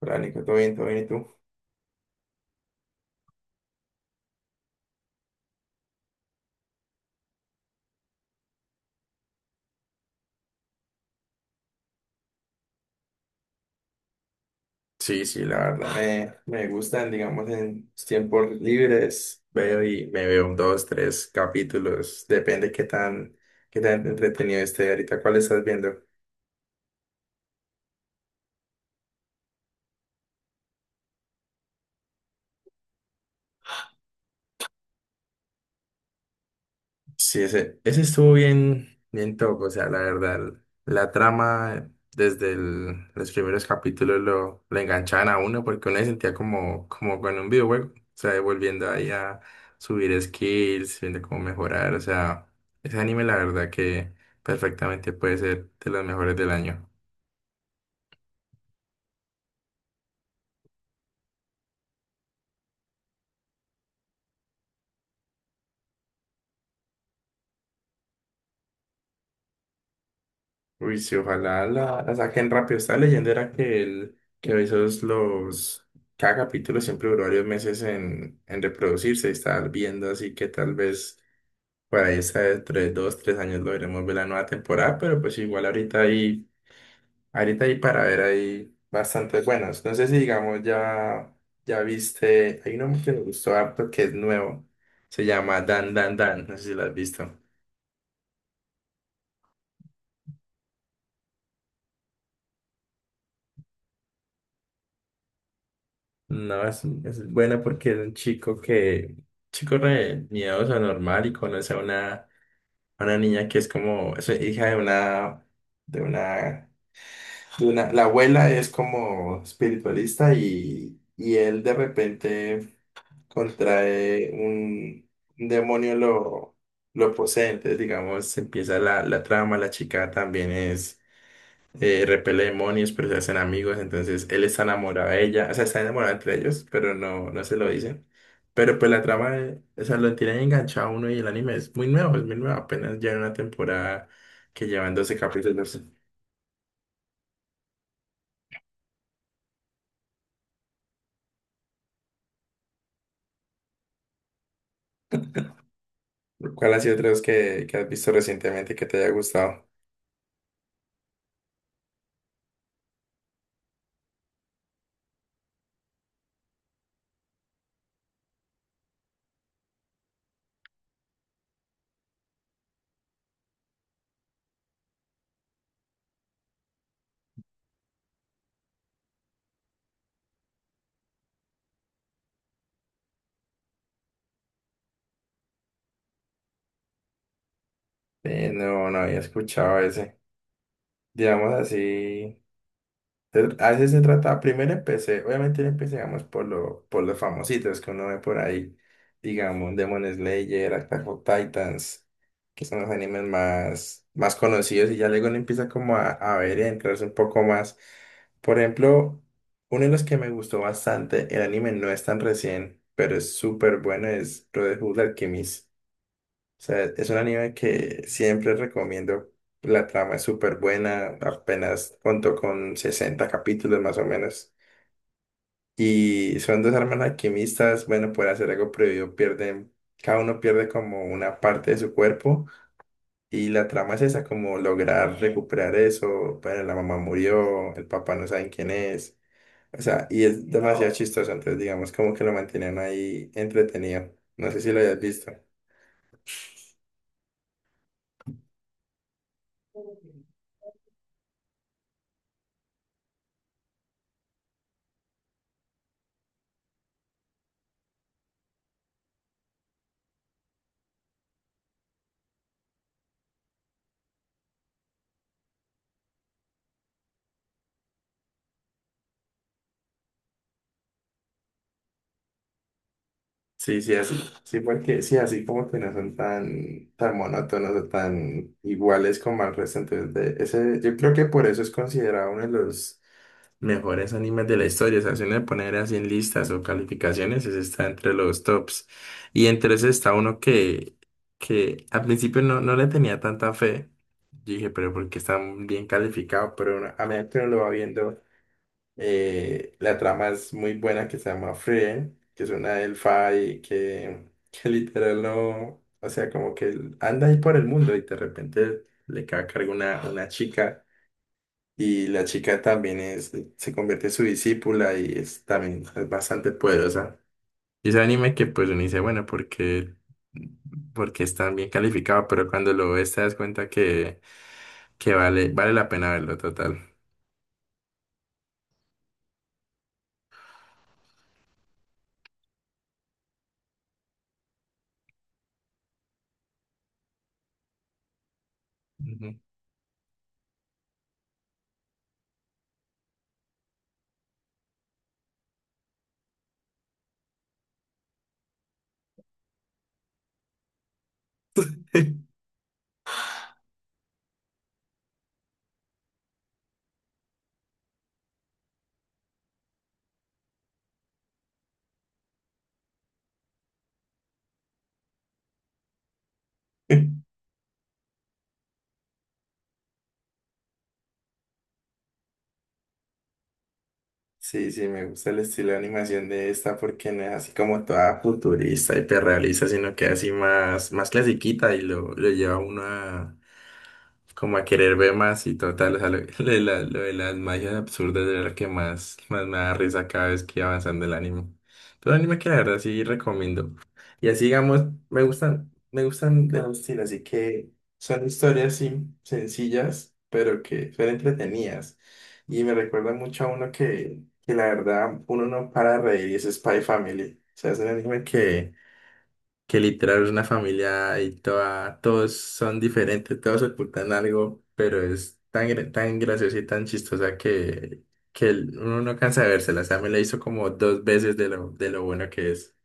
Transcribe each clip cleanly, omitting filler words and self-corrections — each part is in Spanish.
Hola, Nico, ¿todo bien? ¿Todo bien? ¿Y tú? Sí, sí, la verdad me gustan, digamos, en mis tiempos libres. Veo y me veo un, dos, tres capítulos. Depende qué tan entretenido esté ahorita. ¿Cuál estás viendo? Sí, ese estuvo bien, bien top, o sea, la verdad, la trama desde los primeros capítulos lo enganchaban a uno porque uno se sentía como con un videojuego, o sea, volviendo ahí a subir skills, viendo cómo mejorar, o sea, ese anime la verdad que perfectamente puede ser de los mejores del año. Uy, sí, ojalá la saquen rápido. Esta leyenda era que que Bezos los, cada capítulo siempre duró varios meses en reproducirse y estar viendo, así que tal vez por ahí está dentro de 2, 3 años logremos ver la nueva temporada, pero pues igual ahorita hay para ver ahí bastante buenas. No sé si digamos ya, ya viste, hay uno que me gustó harto que es nuevo, se llama Dan Dan Dan, no sé si lo has visto. No, es buena porque es un chico re miedoso, normal y conoce a a una niña que es como, es hija de de una, una, la abuela es como espiritualista y él de repente contrae un demonio lo posee, entonces digamos, empieza la trama, la chica también es repele demonios, pero se hacen amigos, entonces él está enamorado de ella, o sea, está enamorado entre ellos, pero no, no se lo dicen. Pero pues la trama, o sea, lo tienen enganchado a uno y el anime es muy nuevo, apenas lleva una temporada que llevan 12 capítulos. ¿Cuál ha sido otro que has visto recientemente que te haya gustado? No, no había escuchado ese. Digamos así. A veces se trata, primero empecé, obviamente empezamos por los famositos que uno ve por ahí, digamos, Demon Slayer, Attack on Titans, que son los animes más conocidos y ya luego uno empieza como a ver y a entrarse un poco más. Por ejemplo, uno de los que me gustó bastante, el anime no es tan recién, pero es súper bueno, es Brotherhood Alchemist. O sea, es un anime que siempre recomiendo. La trama es súper buena, apenas contó con 60 capítulos más o menos. Y son dos hermanas alquimistas, bueno, por hacer algo prohibido pierden, cada uno pierde como una parte de su cuerpo. Y la trama es esa, como lograr recuperar eso. Bueno, la mamá murió, el papá no saben quién es. O sea, y es demasiado chistoso, entonces digamos como que lo mantienen ahí entretenido. No sé si lo hayas visto. Sí, sí, así. Sí, porque sí, así como que no son tan, tan monótonos o tan iguales como al resto. Entonces, ese, yo creo que por eso es considerado uno de los mejores animes de la historia. O sea, si uno le poner así en listas o calificaciones, ese está entre los tops. Y entre ese está uno que al principio no, no le tenía tanta fe. Yo dije, pero porque está bien calificado, pero uno- a medida que uno lo va viendo. La trama es muy buena que se llama Frieren, que es una elfa y que, que literal no, o sea, como que anda ahí por el mundo y de repente le cae a cargo una chica y la chica también se convierte en su discípula y es también es bastante poderosa. Y ese anime que pues uno dice, bueno, porque es tan bien calificado, pero cuando lo ves te das cuenta que vale la pena verlo total. Ujú. Sí, sí, me gusta el estilo de animación de esta porque no es así como toda futurista, hiperrealista, sino que así más clasiquita y lo lleva uno como a querer ver más y total, o sea, lo, lo de las magias absurdas era lo que más me da risa cada vez que iba avanzando el anime. Todo anime que la verdad sí recomiendo. Y así digamos, me gustan de los estilos, así que son historias sí, sencillas, pero que son entretenidas. Y me recuerda mucho a uno que la verdad uno no para de reír y es Spy Family. O sea, es un anime que literal es una familia y toda, todos son diferentes, todos ocultan algo, pero es tan graciosa y tan chistosa que uno no cansa de vérsela. O sea, me la hizo como dos veces de de lo bueno que es.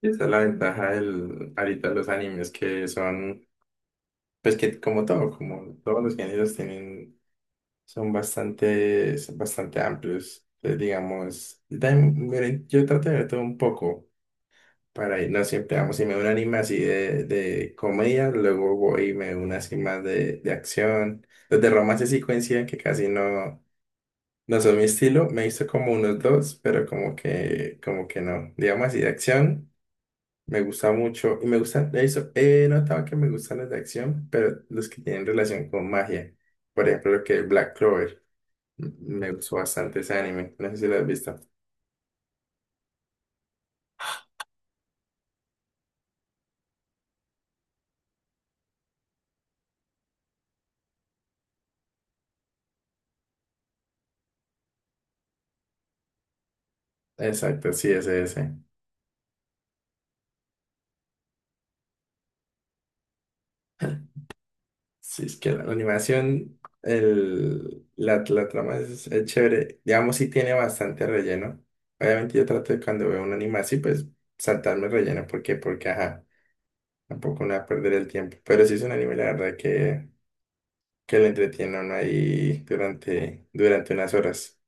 Y esa es la ventaja ahorita los animes que son, pues que como todo, como todos los géneros tienen, son bastante amplios. Entonces, digamos, yo también, miren, yo trato de ver todo un poco. Para ir, no siempre vamos y me veo un anime así de comedia, luego voy y me veo una así más de acción. Los de romance sí coinciden que casi no, no son mi estilo. Me he visto como unos dos, pero como que no. Digamos así de acción, me gusta mucho. Y de eso he notado que me gustan los de acción, pero los que tienen relación con magia. Por ejemplo, lo que es Black Clover. Me gustó bastante ese anime. No sé si lo has visto. Exacto, sí, ese, ese. Sí, es que la animación, la trama es chévere. Digamos, sí tiene bastante relleno. Obviamente yo trato de cuando veo un anime así, pues saltarme el relleno. ¿Por qué? Porque, ajá, tampoco me va a perder el tiempo. Pero sí es un anime, la verdad, que lo entretiene a uno ahí durante unas horas.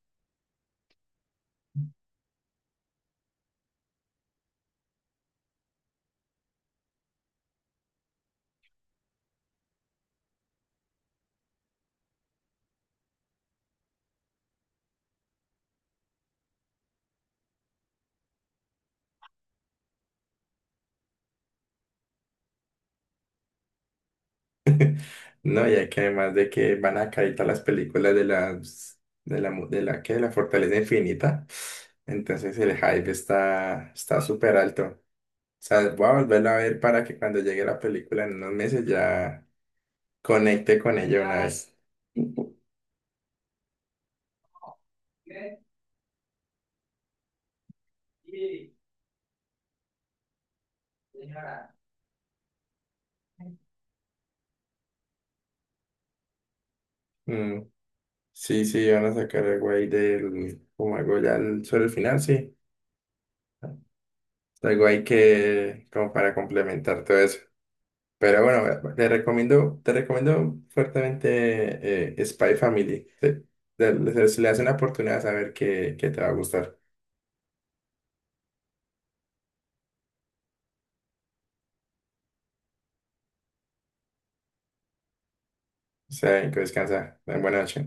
No, y hay que además de que van a caer todas las películas de la, ¿qué? De la Fortaleza Infinita. Entonces el hype está súper alto. O sea, voy a volverla a ver para que cuando llegue la película en unos meses ya conecte con ella una vez. Mm, sí, sí, van a sacar algo ahí como algo ya sobre el final, sí. Algo ahí como para complementar todo eso. Pero bueno, te recomiendo fuertemente Spy Family. Se le hace una oportunidad a saber que te va a gustar. O sea, que descansa. Buenas noches.